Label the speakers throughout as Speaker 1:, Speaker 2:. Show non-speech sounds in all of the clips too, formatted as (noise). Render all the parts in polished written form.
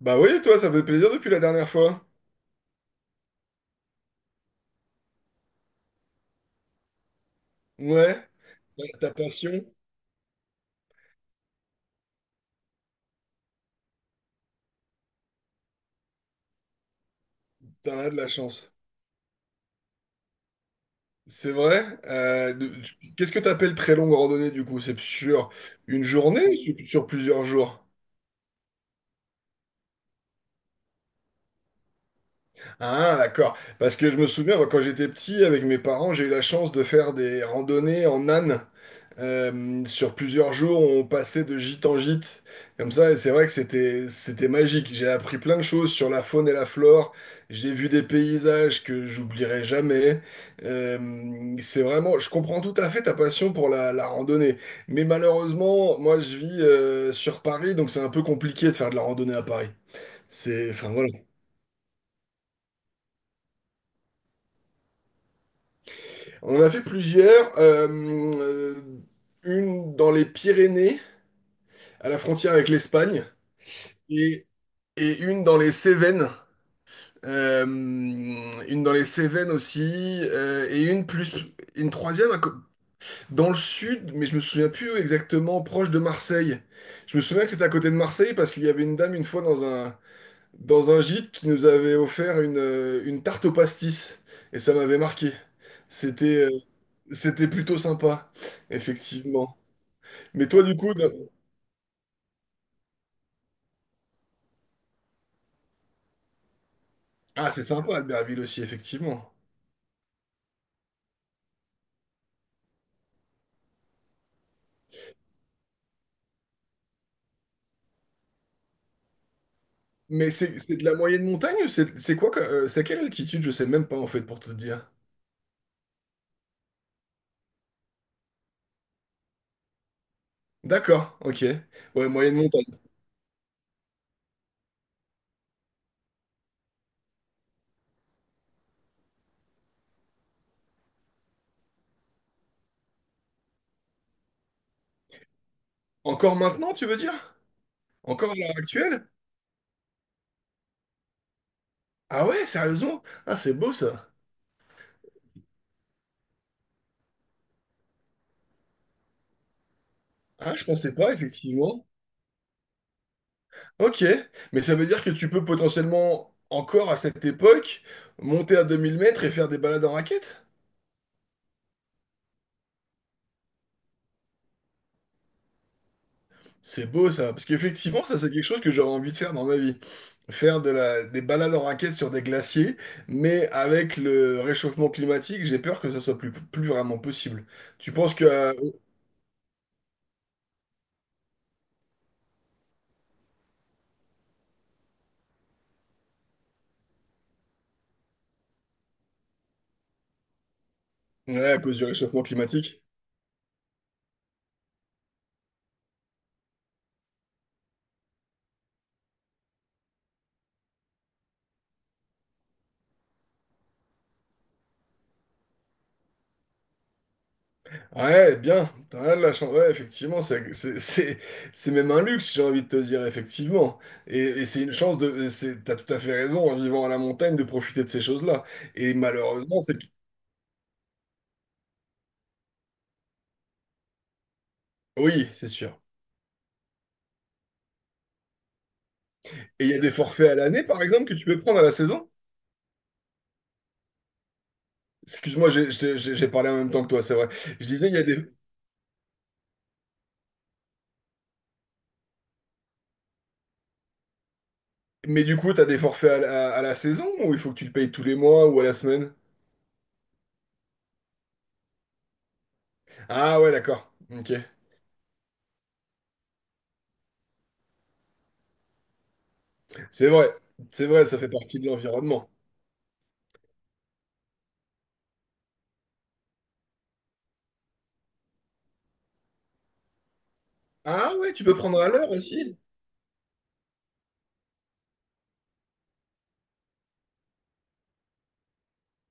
Speaker 1: Bah oui, toi, ça fait plaisir depuis la dernière fois. Ouais, ta passion, t'en as de la chance. C'est vrai. Qu'est-ce que t'appelles très longue randonnée du coup? C'est sur une journée ou sur plusieurs jours? Ah, d'accord. Parce que je me souviens, moi, quand j'étais petit, avec mes parents, j'ai eu la chance de faire des randonnées en âne. Sur plusieurs jours, on passait de gîte en gîte, comme ça, et c'est vrai que c'était magique. J'ai appris plein de choses sur la faune et la flore. J'ai vu des paysages que j'oublierai jamais. Euh, c'est vraiment, je comprends tout à fait ta passion pour la randonnée, mais malheureusement, moi, je vis sur Paris, donc c'est un peu compliqué de faire de la randonnée à Paris. C'est, enfin voilà. On en a fait plusieurs. Une dans les Pyrénées, à la frontière avec l'Espagne, et, et une dans les Cévennes. Une dans les Cévennes aussi, et une plus, une troisième dans le sud, mais je me souviens plus exactement, proche de Marseille. Je me souviens que c'était à côté de Marseille parce qu'il y avait une dame une fois dans un gîte qui nous avait offert une tarte au pastis. Et ça m'avait marqué. C'était c'était plutôt sympa, effectivement. Mais toi, du coup, ah, c'est sympa, Albertville aussi, effectivement. Mais c'est de la moyenne montagne? Ou c'est quoi? C'est à quelle altitude? Je sais même pas, en fait, pour te dire. D'accord, ok. Ouais, moyenne montagne. Encore maintenant, tu veux dire? Encore à l'heure actuelle? Ah ouais, sérieusement? Ah, c'est beau ça. Ah, je pensais pas, effectivement. Ok, mais ça veut dire que tu peux potentiellement, encore à cette époque, monter à 2000 mètres et faire des balades en raquette? C'est beau ça, parce qu'effectivement, ça c'est quelque chose que j'aurais envie de faire dans ma vie. Faire de des balades en raquette sur des glaciers, mais avec le réchauffement climatique, j'ai peur que ça soit plus vraiment possible. Tu penses que, ouais, à cause du réchauffement climatique? Ouais, bien, t'as rien de la chance. Ouais, effectivement, c'est même un luxe, j'ai envie de te dire, effectivement. Et c'est une chance de. C'est- T'as tout à fait raison, en vivant à la montagne, de profiter de ces choses-là. Et malheureusement, c'est. Oui, c'est sûr. Et il y a des forfaits à l'année, par exemple, que tu peux prendre à la saison? Excuse-moi, j'ai parlé en même temps que toi, c'est vrai. Je disais, il y a des. Mais du coup, t'as des forfaits à la saison ou il faut que tu le payes tous les mois ou à la semaine? Ah ouais, d'accord. Ok. C'est vrai. C'est vrai, ça fait partie de l'environnement. Ah ouais, tu peux prendre à l'heure aussi?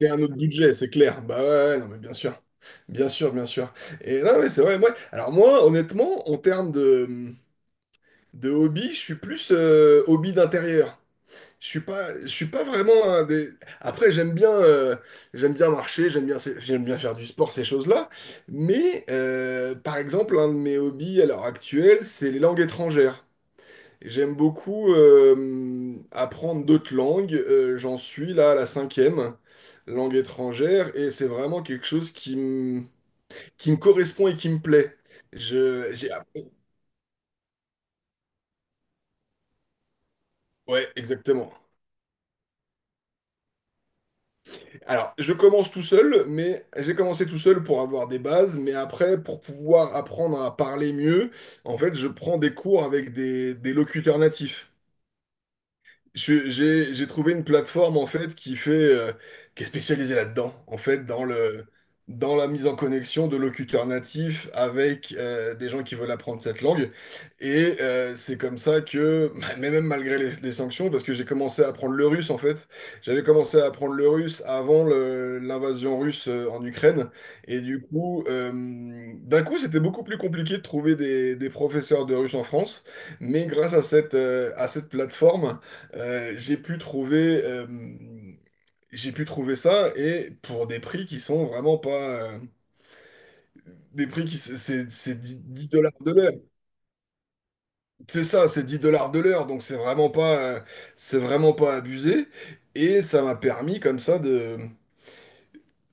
Speaker 1: C'est un autre budget, c'est clair. Bah ouais, ouais, non, mais bien sûr. Bien sûr, bien sûr. Et non, mais c'est vrai, moi. Alors moi, honnêtement, en termes de hobby, je suis plus hobby d'intérieur. Je suis pas vraiment un des. Après, j'aime bien marcher, j'aime bien, j'aime bien faire du sport, ces choses-là. Mais par exemple, un de mes hobbies à l'heure actuelle, c'est les langues étrangères. J'aime beaucoup apprendre d'autres langues. J'en suis là à la cinquième langue étrangère et c'est vraiment quelque chose qui me correspond et qui me plaît. Je, j'ai, appris- ouais, exactement. Alors, je commence tout seul, mais j'ai commencé tout seul pour avoir des bases, mais après, pour pouvoir apprendre à parler mieux, en fait, je prends des cours avec des locuteurs natifs. J'ai trouvé une plateforme en fait qui est spécialisée là-dedans en fait dans la mise en connexion de locuteurs natifs avec des gens qui veulent apprendre cette langue et c'est comme ça que (laughs) mais même malgré les sanctions parce que j'ai commencé à apprendre le russe en fait j'avais commencé à apprendre le russe avant l'invasion russe en Ukraine et du coup d'un coup c'était beaucoup plus compliqué de trouver des professeurs de russe en France mais grâce à cette plateforme euh, j'ai pu trouver, euh, j'ai pu trouver ça et pour des prix qui sont vraiment pas, euh, des prix c'est dix dollars de l'heure. C'est ça, c'est 10 dollars de l'heure, donc c'est vraiment pas abusé. Et ça m'a permis comme ça de,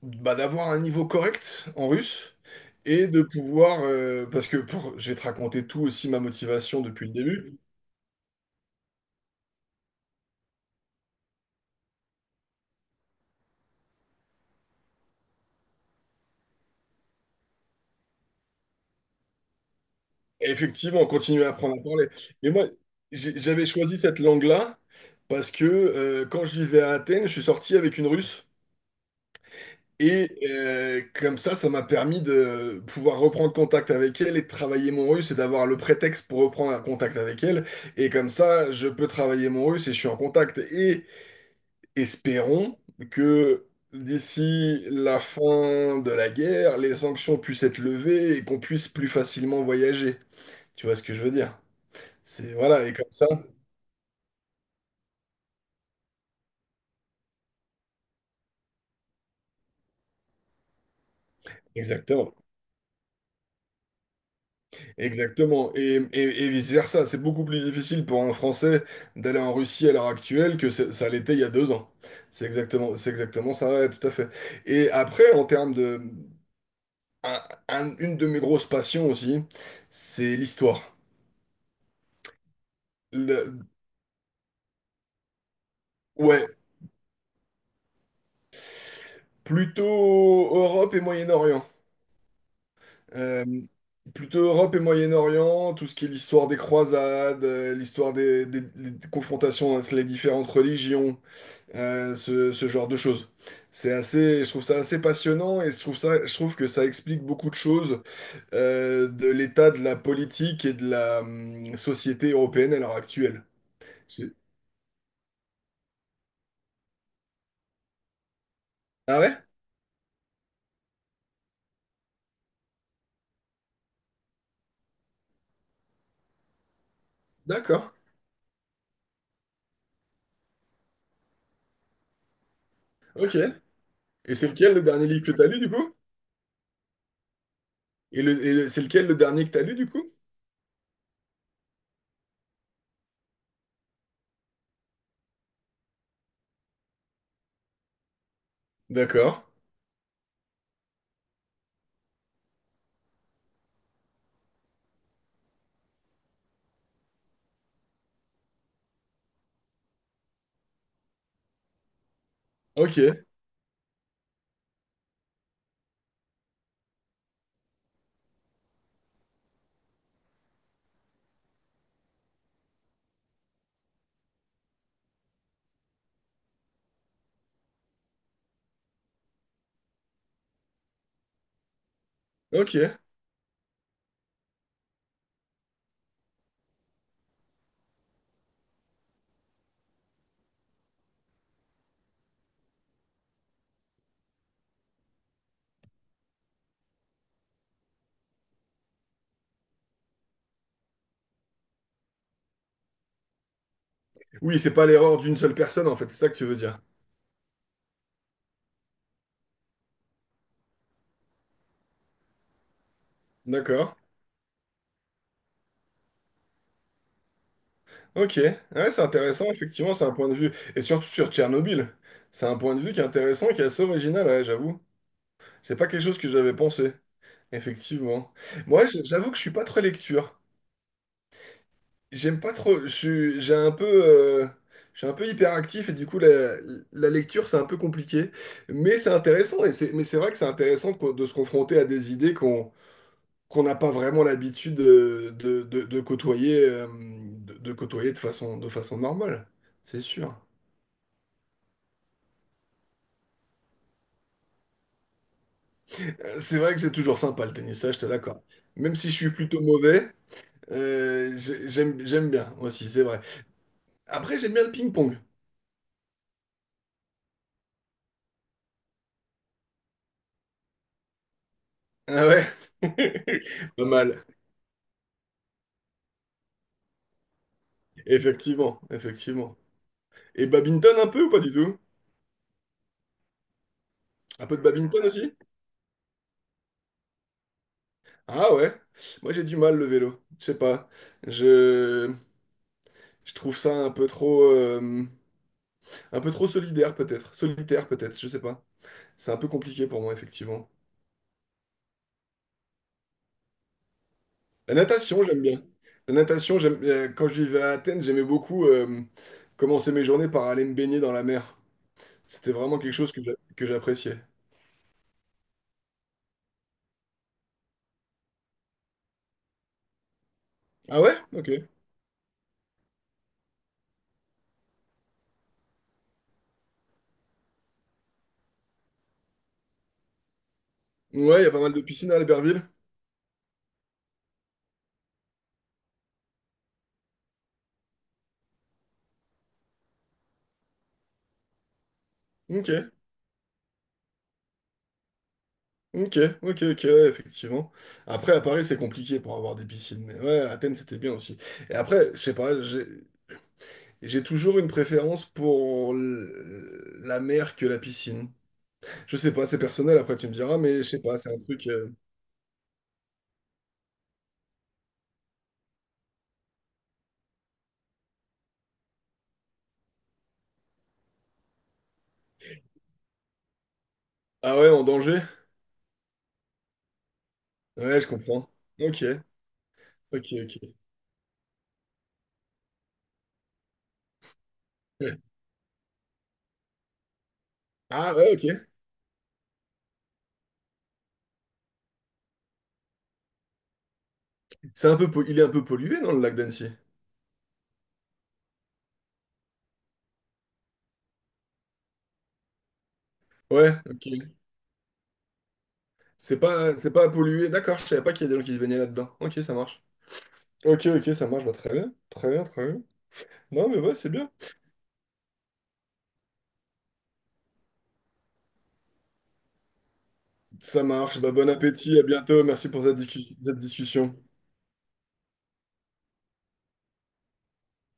Speaker 1: bah, d'avoir un niveau correct en russe et de pouvoir, parce que pour, je vais te raconter tout aussi ma motivation depuis le début. Effectivement, on continue à apprendre à parler. Mais moi, j'avais choisi cette langue-là parce que quand je vivais à Athènes, je suis sorti avec une Russe. Et comme ça m'a permis de pouvoir reprendre contact avec elle et de travailler mon russe et d'avoir le prétexte pour reprendre un contact avec elle. Et comme ça, je peux travailler mon russe et je suis en contact. Et espérons que d'ici la fin de la guerre, les sanctions puissent être levées et qu'on puisse plus facilement voyager. Tu vois ce que je veux dire? C'est, voilà, et comme ça, exactement. Exactement. Et vice-versa. C'est beaucoup plus difficile pour un Français d'aller en Russie à l'heure actuelle que ça l'était il y a 2 ans. C'est exactement ça, ouais, tout à fait. Et après, en termes de... un- une de mes grosses passions aussi, c'est l'histoire. Le- ouais, plutôt Europe et Moyen-Orient. Euh, Plutôt Europe et Moyen-Orient, tout ce qui est l'histoire des croisades, l'histoire des confrontations entre les différentes religions, ce genre de choses. C'est assez, je trouve ça assez passionnant et je trouve ça, je trouve que ça explique beaucoup de choses de l'état de la politique et de la société européenne à l'heure actuelle. J'ai- Ah ouais? D'accord. Ok. Et c'est lequel le dernier livre que t'as lu du coup? Et, et c'est lequel le dernier que t'as lu du coup? D'accord. Ok. Ok. Oui, c'est pas l'erreur d'une seule personne en fait, c'est ça que tu veux dire. D'accord. Ok, ouais, c'est intéressant, effectivement, c'est un point de vue. Et surtout sur Tchernobyl, c'est un point de vue qui est intéressant, qui est assez original, ouais, j'avoue. C'est pas quelque chose que j'avais pensé, effectivement. Moi, j'avoue que je suis pas très lecture. J'aime pas trop, j'ai un peu, je suis un peu hyperactif et du coup, la lecture, c'est un peu compliqué. Mais c'est intéressant, et c'est, mais c'est vrai que c'est intéressant de se confronter à des idées qu'on n'a pas vraiment l'habitude de côtoyer, de côtoyer de façon normale, c'est sûr. C'est vrai que c'est toujours sympa le tennis, ça, je te l'accorde. Même si je suis plutôt mauvais, j'aime, j'aime bien aussi, c'est vrai. Après, j'aime bien le ping-pong. Ah ouais? (laughs) Pas mal. Effectivement, effectivement. Et badminton un peu ou pas du tout? Un peu de badminton aussi? Ah ouais? Moi, j'ai du mal le vélo. Je sais pas. Je, je trouve ça un peu trop solidaire peut-être. Solitaire peut-être, je sais pas. C'est un peu compliqué pour moi, effectivement. La natation, j'aime bien. La natation, j'aime, quand je vivais à Athènes, j'aimais beaucoup commencer mes journées par aller me baigner dans la mer. C'était vraiment quelque chose que j'appréciais. Ah ouais? Ok. Ouais, il y a pas mal de piscines à Albertville. Ok, ok, ok, ok, ouais, effectivement. Après, à Paris, c'est compliqué pour avoir des piscines. Mais ouais, à Athènes, c'était bien aussi. Et après, je sais pas, j'ai toujours une préférence pour la mer que la piscine. Je sais pas, c'est personnel, après tu me diras, mais je sais pas, c'est un truc... Ah ouais, en danger? Ouais, je comprends. Ok, ok, ok. Ouais. Ah ouais, ok. C'est un peu, il est un peu pollué dans le lac d'Annecy. Ouais, ok. C'est pas pollué. D'accord, je savais pas qu'il y a des gens qui se baignaient là-dedans. Ok, ça marche. Ok, ok, ça marche. Bah, très bien, très bien, très bien. Non, mais ouais, c'est bien. Ça marche. Bah, bon appétit, à bientôt. Merci pour cette cette discussion.